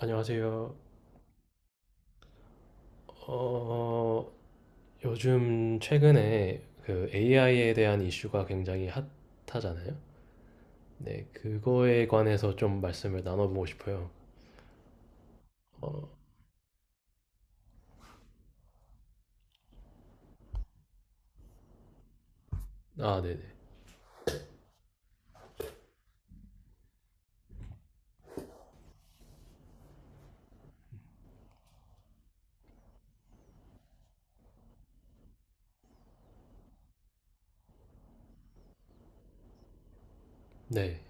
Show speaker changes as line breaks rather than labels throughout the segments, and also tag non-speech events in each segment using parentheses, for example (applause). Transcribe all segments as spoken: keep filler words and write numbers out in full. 안녕하세요. 어, 요즘 최근에 그 에이아이에 대한 이슈가 굉장히 핫하잖아요. 네, 그거에 관해서 좀 말씀을 나눠보고 싶어요. 어, 아, 네네. 네. 네.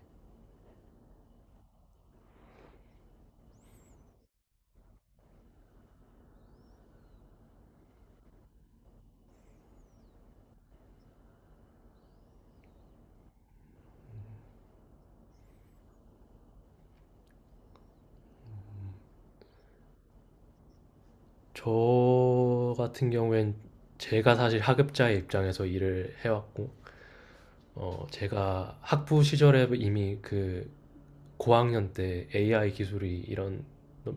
저 같은 경우엔 제가 사실 학업자의 입장에서 일을 해왔고, 어, 제가 학부 시절에 이미 그 고학년 때 에이아이 기술이 이런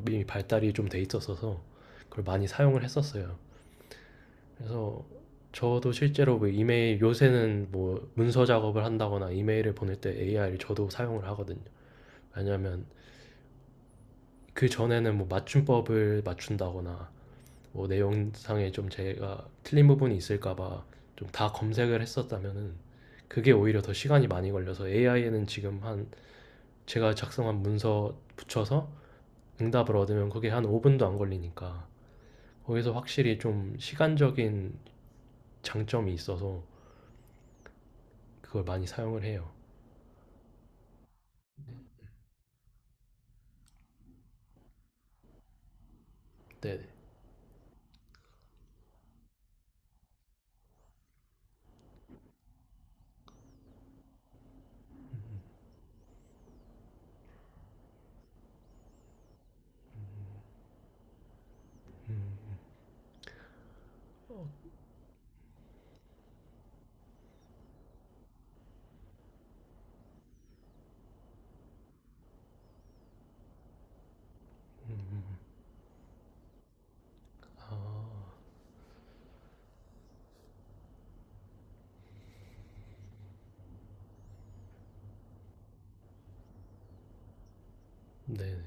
이미 발달이 좀 돼 있었어서 그걸 많이 사용을 했었어요. 그래서 저도 실제로 뭐 이메일 요새는 뭐 문서 작업을 한다거나 이메일을 보낼 때 에이아이를 저도 사용을 하거든요. 왜냐하면 그 전에는 뭐 맞춤법을 맞춘다거나 뭐 내용상에 좀 제가 틀린 부분이 있을까봐 좀 다 검색을 했었다면은 그게 오히려 더 시간이 많이 걸려서 에이아이에는 지금 한 제가 작성한 문서 붙여서 응답을 얻으면 그게 한 오 분도 안 걸리니까 거기서 확실히 좀 시간적인 장점이 있어서 그걸 많이 사용을 해요. 네네. 네네.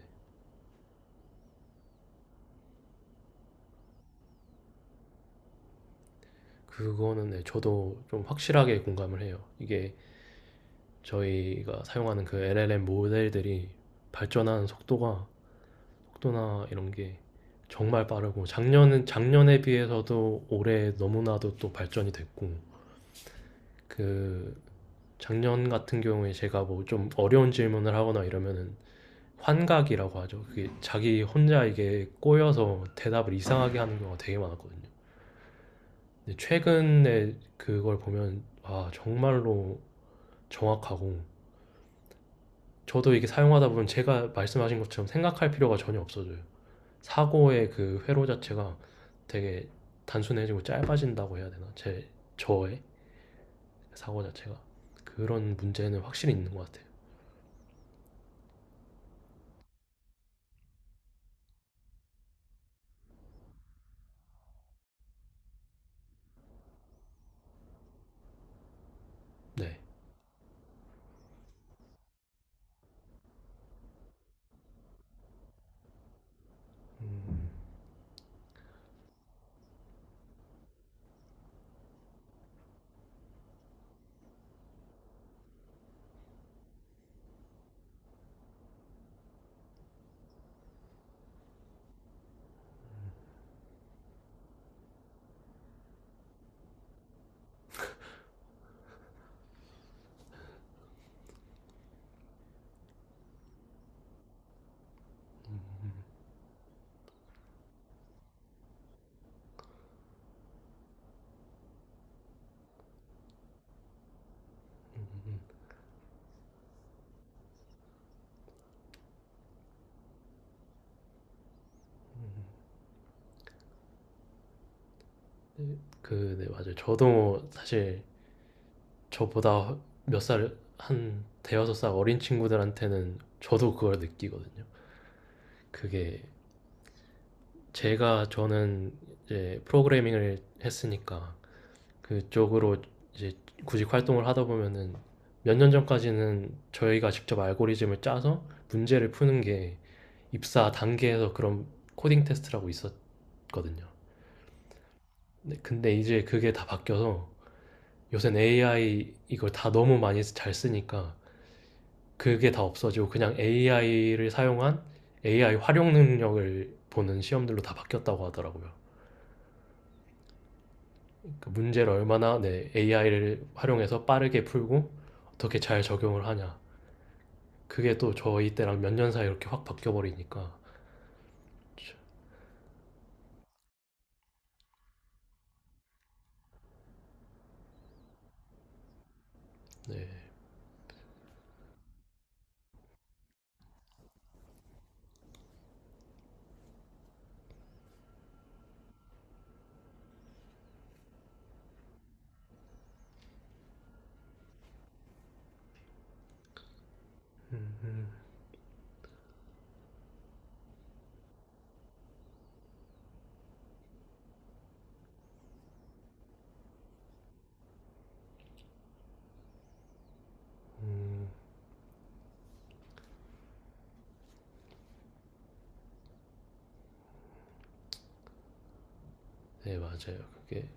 그거는, 네, 저도 좀 확실하게 공감을 해요. 이게 저희가 사용하는 그 엘엘엠 모델들이 발전하는 속도가 속도나 이런 게 정말 빠르고 작년은 작년에 비해서도 올해 너무나도 또 발전이 됐고 그 작년 같은 경우에 제가 뭐 좀 어려운 질문을 하거나 이러면은 환각이라고 하죠. 그게 자기 혼자 이게 꼬여서 대답을 이상하게 하는 경우가 되게 많았거든요. 근데 최근에 그걸 보면 아 정말로 정확하고 저도 이게 사용하다 보면 제가 말씀하신 것처럼 생각할 필요가 전혀 없어져요. 사고의 그 회로 자체가 되게 단순해지고 짧아진다고 해야 되나? 제 저의 사고 자체가 그런 문제는 확실히 있는 것 같아요. 네, 그 네, 맞아요. 저도 사실 저보다 몇 살 한 대여섯 살 어린 친구들한테는 저도 그걸 느끼거든요. 그게 제가 저는 이제 프로그래밍을 했으니까 그쪽으로 이제 구직 활동을 하다 보면은 몇 년 전까지는 저희가 직접 알고리즘을 짜서 문제를 푸는 게 입사 단계에서 그런 코딩 테스트라고 있었거든요. 네, 근데 근데 이제 그게 다 바뀌어서 요새는 에이아이 이걸 다 너무 많이 잘 쓰니까 그게 다 없어지고 그냥 에이아이를 사용한 에이아이 활용 능력을 보는 시험들로 다 바뀌었다고 하더라고요. 그 문제를 얼마나, 네, 에이아이를 활용해서 빠르게 풀고 어떻게 잘 적용을 하냐. 그게 또 저희 때랑 몇 년 사이 이렇게 확 바뀌어버리니까. 네. 음, 음, 음. 네, 맞아요. 그게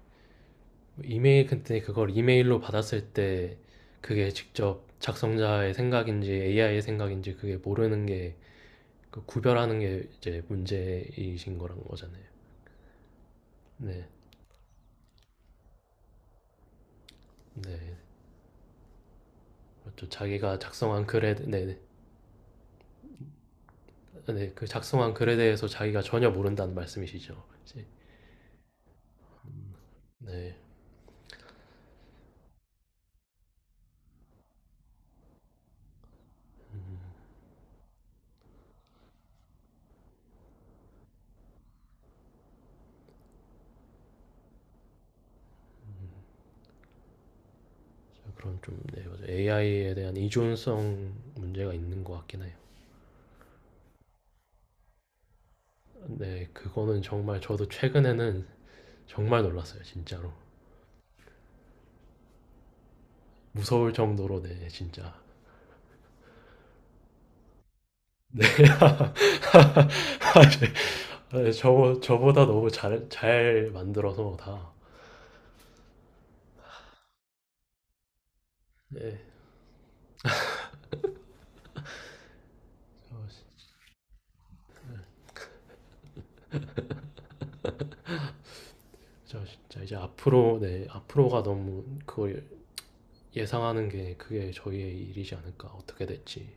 이메일 그때 그걸 이메일로 받았을 때 그게 직접 작성자의 생각인지 에이아이의 생각인지 그게 모르는 게그 구별하는 게 이제 문제이신 거란 거잖아요. 네. 네. 그렇죠. 자기가 작성한 글에, 네, 네. 네, 그 작성한 글에 대해서 자기가 전혀 모른다는 말씀이시죠. 그치? 네, 그런 좀, 네, 맞아요. 에이아이에 대한 의존성 문제가 있는 것 같긴 해요. 네, 그거는 정말 저도 최근에는 정말 놀랐어요, 진짜로. 무서울 정도로, 네, 진짜. 네, (laughs) 네, 저 저보다 너무 잘 잘 만들어서 다. 네, 저, 저 진짜 이제 앞으로, 네, 앞으로가 너무 그걸 예상하는 게 그게 저희의 일이지 않을까 어떻게 될지.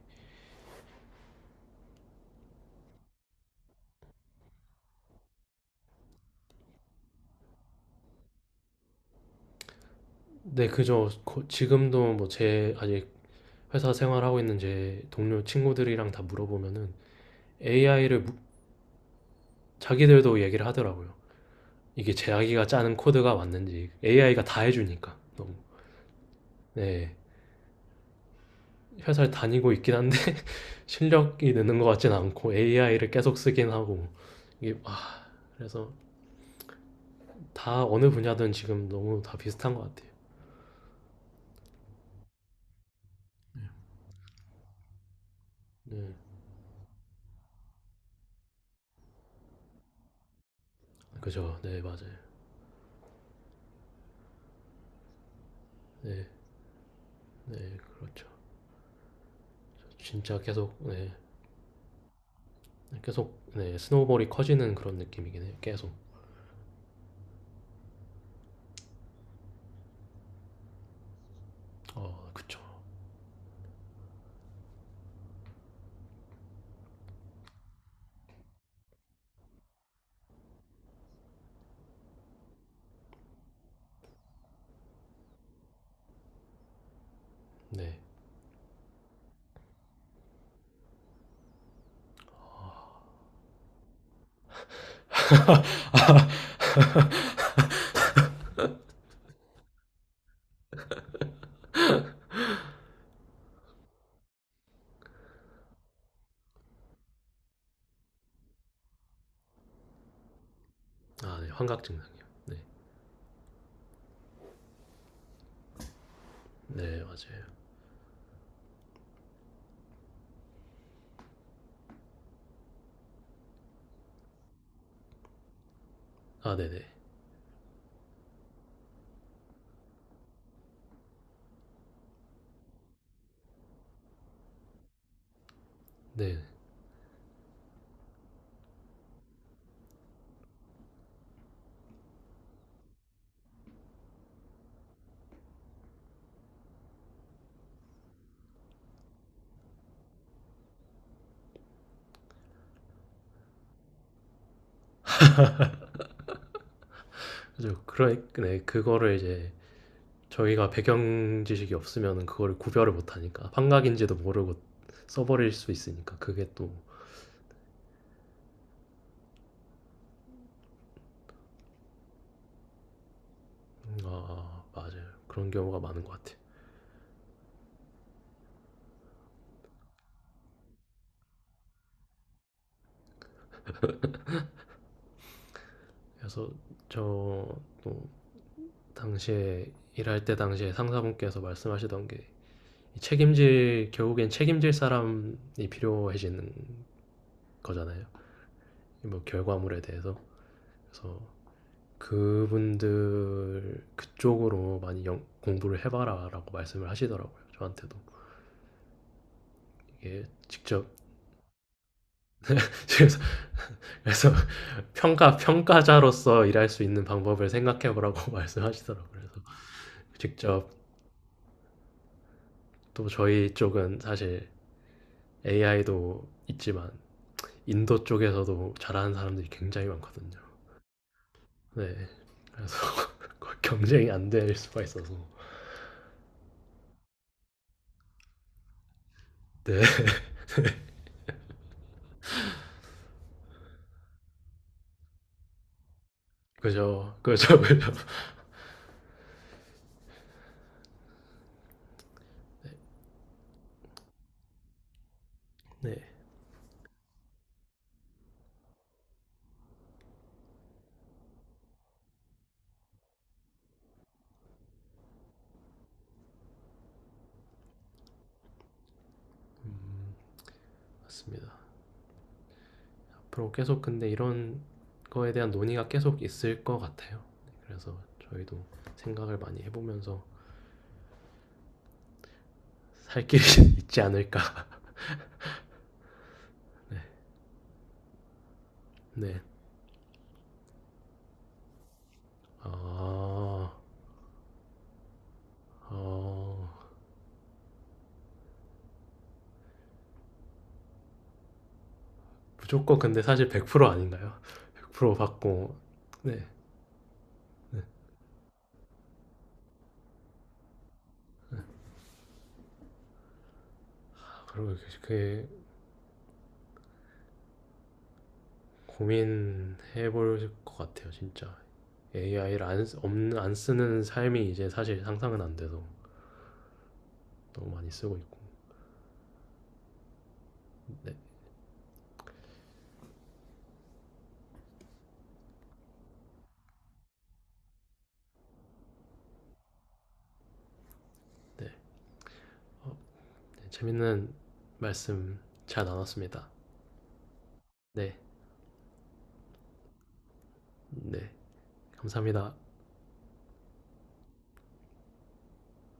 네, 그죠. 거- 지금도 뭐 제 아직 회사 생활하고 있는 제 동료 친구들이랑 다 물어보면은 에이아이를 자기들도 얘기를 하더라고요. 이게 자기가 짜는 코드가 맞는지 에이아이가 다 해주니까 너무, 네, 회사를 다니고 있긴 한데 (laughs) 실력이 느는 것 같진 않고 에이아이를 계속 쓰긴 하고 이게, 아, 그래서 다 어느 분야든 지금 너무 다 비슷한 것 같아요. 네, 그죠. 네, 맞아요. 네, 네, 그렇죠. 진짜 계속, 네. 계속, 네, 스노우볼이 커지는 그런 느낌이긴 해요. 계속. 어, 그쵸. 네. 아, 네. 환각 증상이요. 네. 네, 맞아요. 아, 네, 네. 네. 그죠. 그래, 네. 그거를 이제 저희가 배경 지식이 없으면 그거를 구별을 못 하니까 환각인지도 모르고 써버릴 수 있으니까 그게 또 음, 아, 맞아요. 그런 경우가 많은 것 같아요. 그래서 저 또 당시에 일할 때 당시에 상사분께서 말씀하시던 게 책임질 결국엔 책임질 사람이 필요해지는 거잖아요. 뭐 결과물에 대해서 그래서 그분들 그쪽으로 많이 영- 공부를 해봐라라고 말씀을 하시더라고요. 저한테도 이게 직접 (laughs) 그래서, 그래서, 평가 평가자로서 일할 수 있는 방법을 생각해보라고 (laughs) 말씀하시더라고요. 그래서 직접 또 저희 쪽은 사실 에이아이도 있지만 인도 쪽에서도 잘하는 사람들이 굉장히 많거든요. 네. 그래서 (laughs) 경쟁이 안 될 수가 있어서. 네. (laughs) 그죠. 그죠. 그죠. 네. 음, 맞습니다. 앞으로 계속 근데 이런 거에 대한 논의가 계속 있을 것 같아요. 그래서 저희도 생각을 많이 해보면서 살 길이 (laughs) 있지 않을까. 네. 네. 아, 어, 무조건 근데 사실 백 퍼센트 아닌가요? (laughs) 백 퍼센트 받고, 네. 아, 그리고 그게 고민해볼 것 같아요, 진짜. 에이아이를 안, 쓰- 없는- 안 쓰는 삶이 이제 사실 상상은 안 돼서 너무 많이 쓰고 있고 네, 네. 어, 네, 재밌는 말씀 잘 나눴습니다. 네, 네, 감사합니다.